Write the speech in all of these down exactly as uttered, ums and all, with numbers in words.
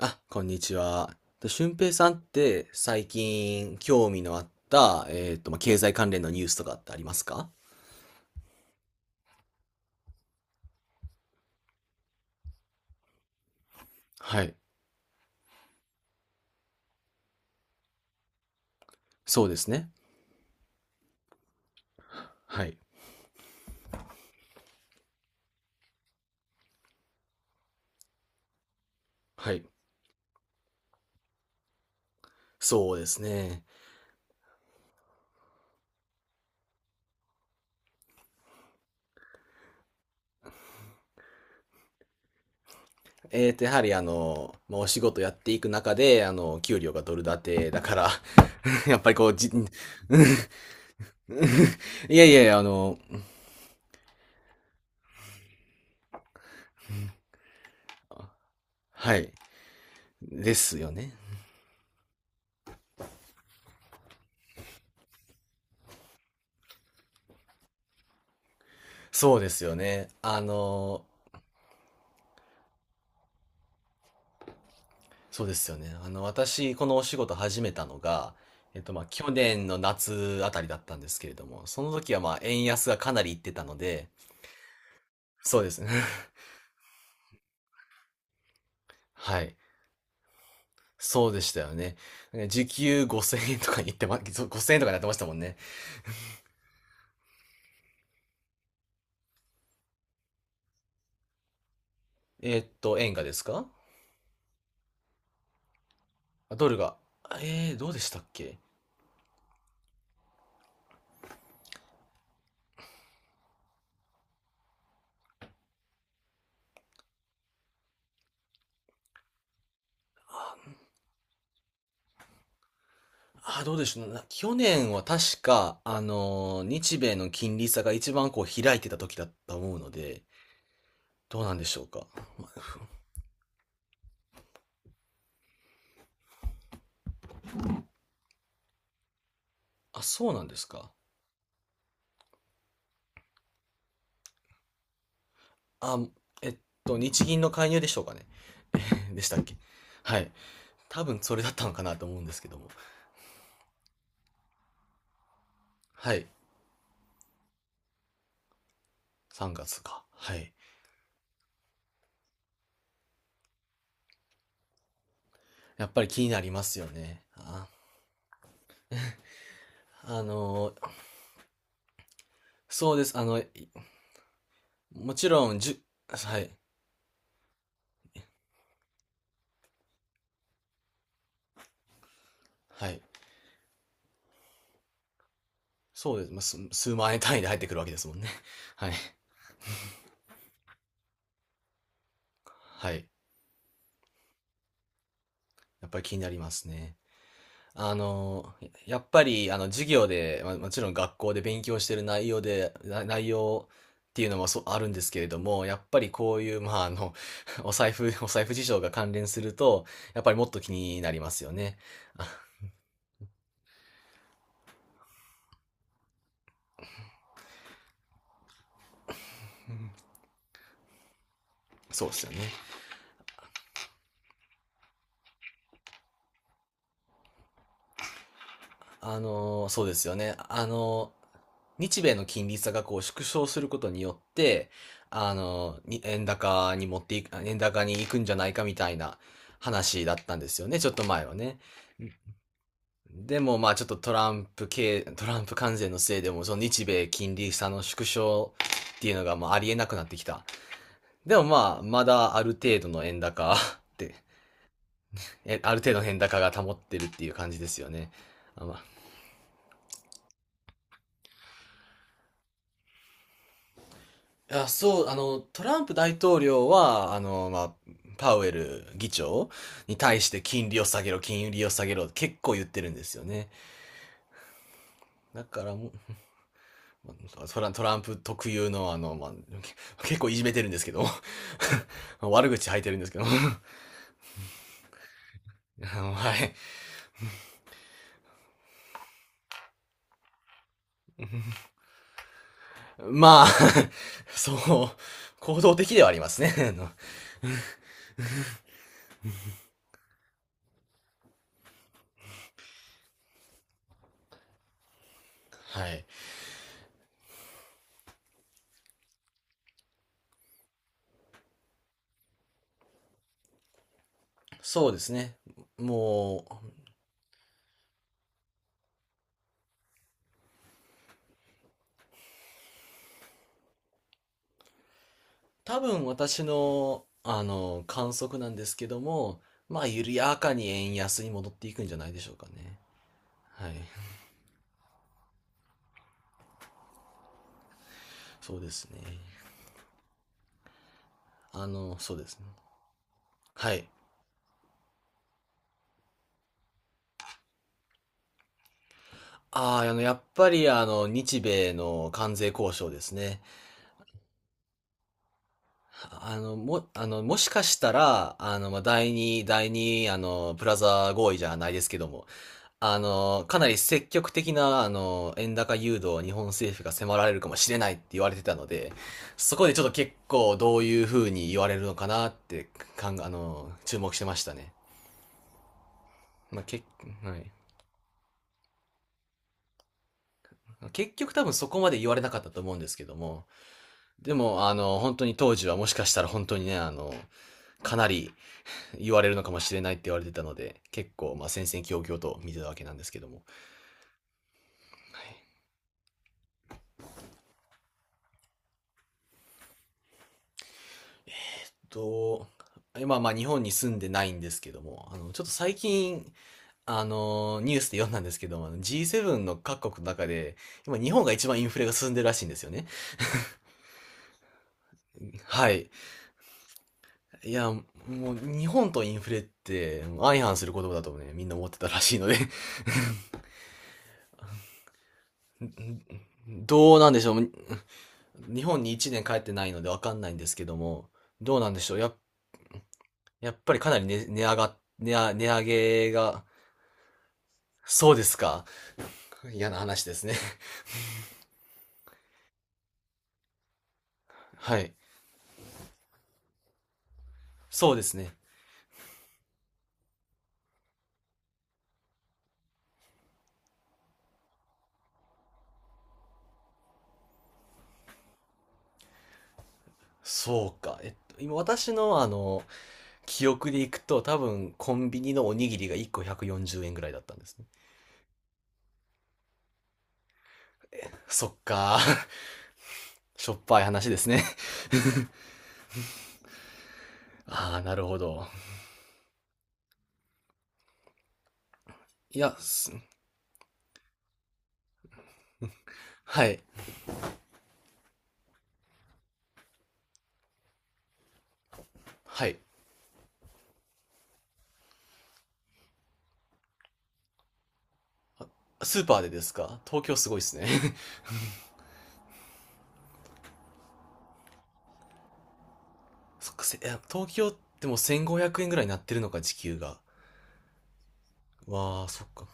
あ、こんにちは。と俊平さんって最近興味のあった、えっと、まあ、経済関連のニュースとかってありますか？はい。そうですね。はい。はい。そうですね。えっと、やはりあの、まあ、お仕事やっていく中で、あの、給料がドル建てだから、やっぱりこう、じ、うん。いやいやいや、あの、はい。ですよね。そうですよね。あの、そうですよね。あの、私、このお仕事始めたのが、えっと、まあ、去年の夏あたりだったんですけれども、その時はまあ、円安がかなりいってたので、そうですね。はい。そうでしたよね。え時給ごせんえんとかに言ってま、そう円とかになってましたもんね。えっと、円がですか？あ、ドルが。えー、どうでしたっけ？あ、どうでしょう。な去年は確か、あのー日米の金利差が一番こう開いてた時だと思うので、どうなんでしょうか。あ、そうなんですか。あ、えっと、日銀の介入でしょうかね。でしたっけ。はい。多分それだったのかなと思うんですけども。はい。さんがつか。はい。やっぱり気になりますよね。あ、あのー、そうです。あの、もちろん、じゅ、はい。はい。そうです。まあ、数数万円単位で入ってくるわけですもんね。はい。はい。やっぱり気になりますね。あの、やっぱり、あの、授業で、まあもちろん学校で勉強してる内容で、な内容っていうのもそうあるんですけれども、やっぱりこういう、まあ、あの、お財布、お財布事情が関連すると、やっぱりもっと気になりますよね。あ、そうですよね。あの、そうですよね。あの、日米の金利差がこう縮小することによって、あの、に円高に持っていく、円高に行くんじゃないかみたいな話だったんですよね、ちょっと前はね。でもまあちょっとトランプ系、トランプ関税のせいでもその日米金利差の縮小っていうのがまあありえなくなってきた。でもまあまだある程度の円高って、えある程度の円高が保ってるっていう感じですよね。あまあ、いやそう、あの、トランプ大統領は、あの、まあ、パウエル議長に対して金利を下げろ、金利を下げろ、結構言ってるんですよね。だからもう、まあトラトランプ特有のあの、まあ、結構いじめてるんですけど、悪口吐いてるんですけど、あのはい。まあ、そう、行動的ではありますね。はい。そうですね。もう、多分私の、あの、観測なんですけども、まあ、緩やかに円安に戻っていくんじゃないでしょうかね。はい。そうですね。あの、そうですね。はい。ああ、あの、やっぱり、あの、日米の関税交渉ですね。あの、も、あの、もしかしたら、あの、まあ、第二、第二、あの、プラザ合意じゃないですけども、あの、かなり積極的な、あの、円高誘導を日本政府が迫られるかもしれないって言われてたので、そこでちょっと結構どういう風に言われるのかなって、かん、あの、注目してましたね。まあ、け、はい。結局多分そこまで言われなかったと思うんですけども、でも、あの、本当に当時はもしかしたら本当にね、あの、かなり言われるのかもしれないって言われてたので、結構、まあ、戦々恐々と見てたわけなんですけども。はい。と、今、まあ、日本に住んでないんですけども、あの、ちょっと最近、あの、ニュースで読んだんですけども、あの ジーセブン の各国の中で、今、日本が一番インフレが進んでるらしいんですよね。はい。いや、もう、日本とインフレって、相反する言葉だとね、みんな思ってたらしいので、どうなんでしょう。日本にいちねん帰ってないのでわかんないんですけども、どうなんでしょう。や、やっぱりかなり値、値上が、値上、値上げが、そうですか。嫌な話ですね。はい。そうですね。そうか。えっと、今私のあの、記憶でいくと多分コンビニのおにぎりがいっこひゃくよんじゅうえんぐらいだったんですね。そっか。しょっぱい話ですね。ああ、なるほど。いや、すはい。はい。スーパーでですか？東京すごいですね。そっか、せいや東京ってもうせんごひゃくえんぐらいになってるのか、時給が。わあ、そっか。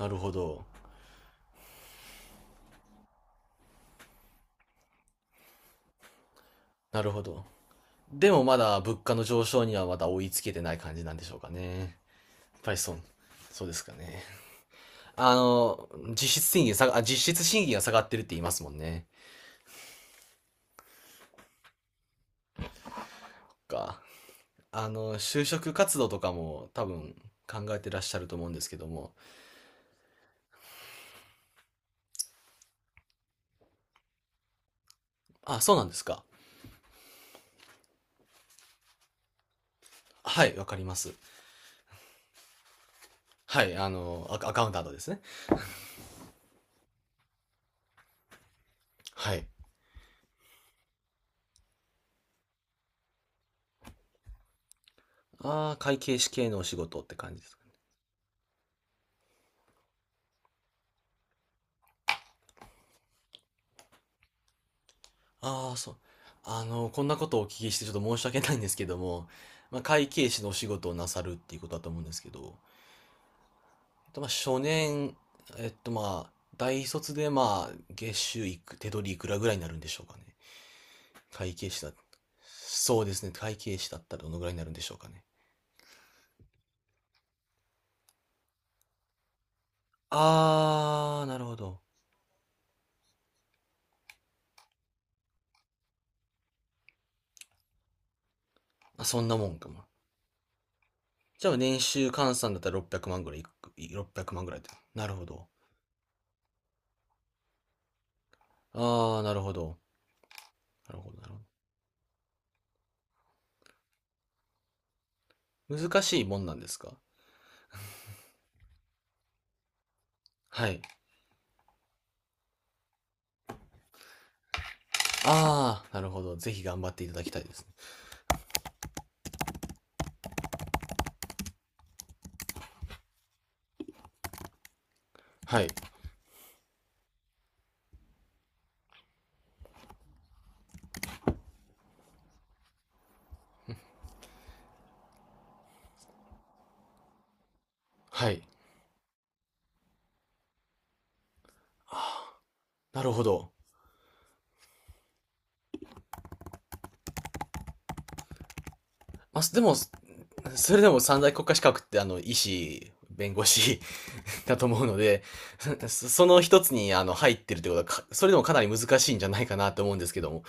なるほど。なるほど。でもまだ物価の上昇にはまだ追いつけてない感じなんでしょうかね。やっぱりそう、そうですかね。あの、実質賃金下が、あ、実質賃金が下がってるって言いますもんね。か。あの、就職活動とかも多分考えてらっしゃると思うんですけども。あ、そうなんですか。はい、わかります。はい、あの、アカアカウンタントですね。はい。ああ、会計士系のお仕事って感じです。ああ、そう。あの、こんなことをお聞きしてちょっと申し訳ないんですけども、まあ、会計士のお仕事をなさるっていうことだと思うんですけど、えっと、まあ、初年、えっと、まあ、大卒で、まあ、月収いく、手取りいくらぐらいになるんでしょうかね。会計士だ、そうですね。会計士だったらどのぐらいになるんでしょうかね。あー、なるほど。まあ、そんなもんかも。じゃあ、年収換算だったらろっぴゃくまんぐらいいく、万ぐらいってなるほど。あー、なるほど。なるほど、なるほど。難しいもんなんですか？はい。ああ、なるほど。ぜひ頑張っていただきたいですね。はい。はい。なるほど。まあ、すでも、すそれでも三大国家資格って、あの、医師、弁護士 だと思うので、そその一つに、あの、入ってるってことはか、それでもかなり難しいんじゃないかなと思うんですけども。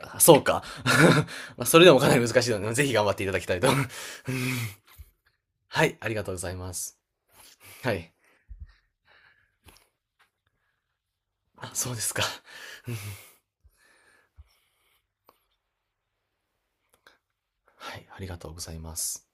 あそうか。まあそれでもかなり難しいので、ぜひ頑張っていただきたいと。はい、ありがとうございます。はい。あ、そうですか。はい、ありがとうございます。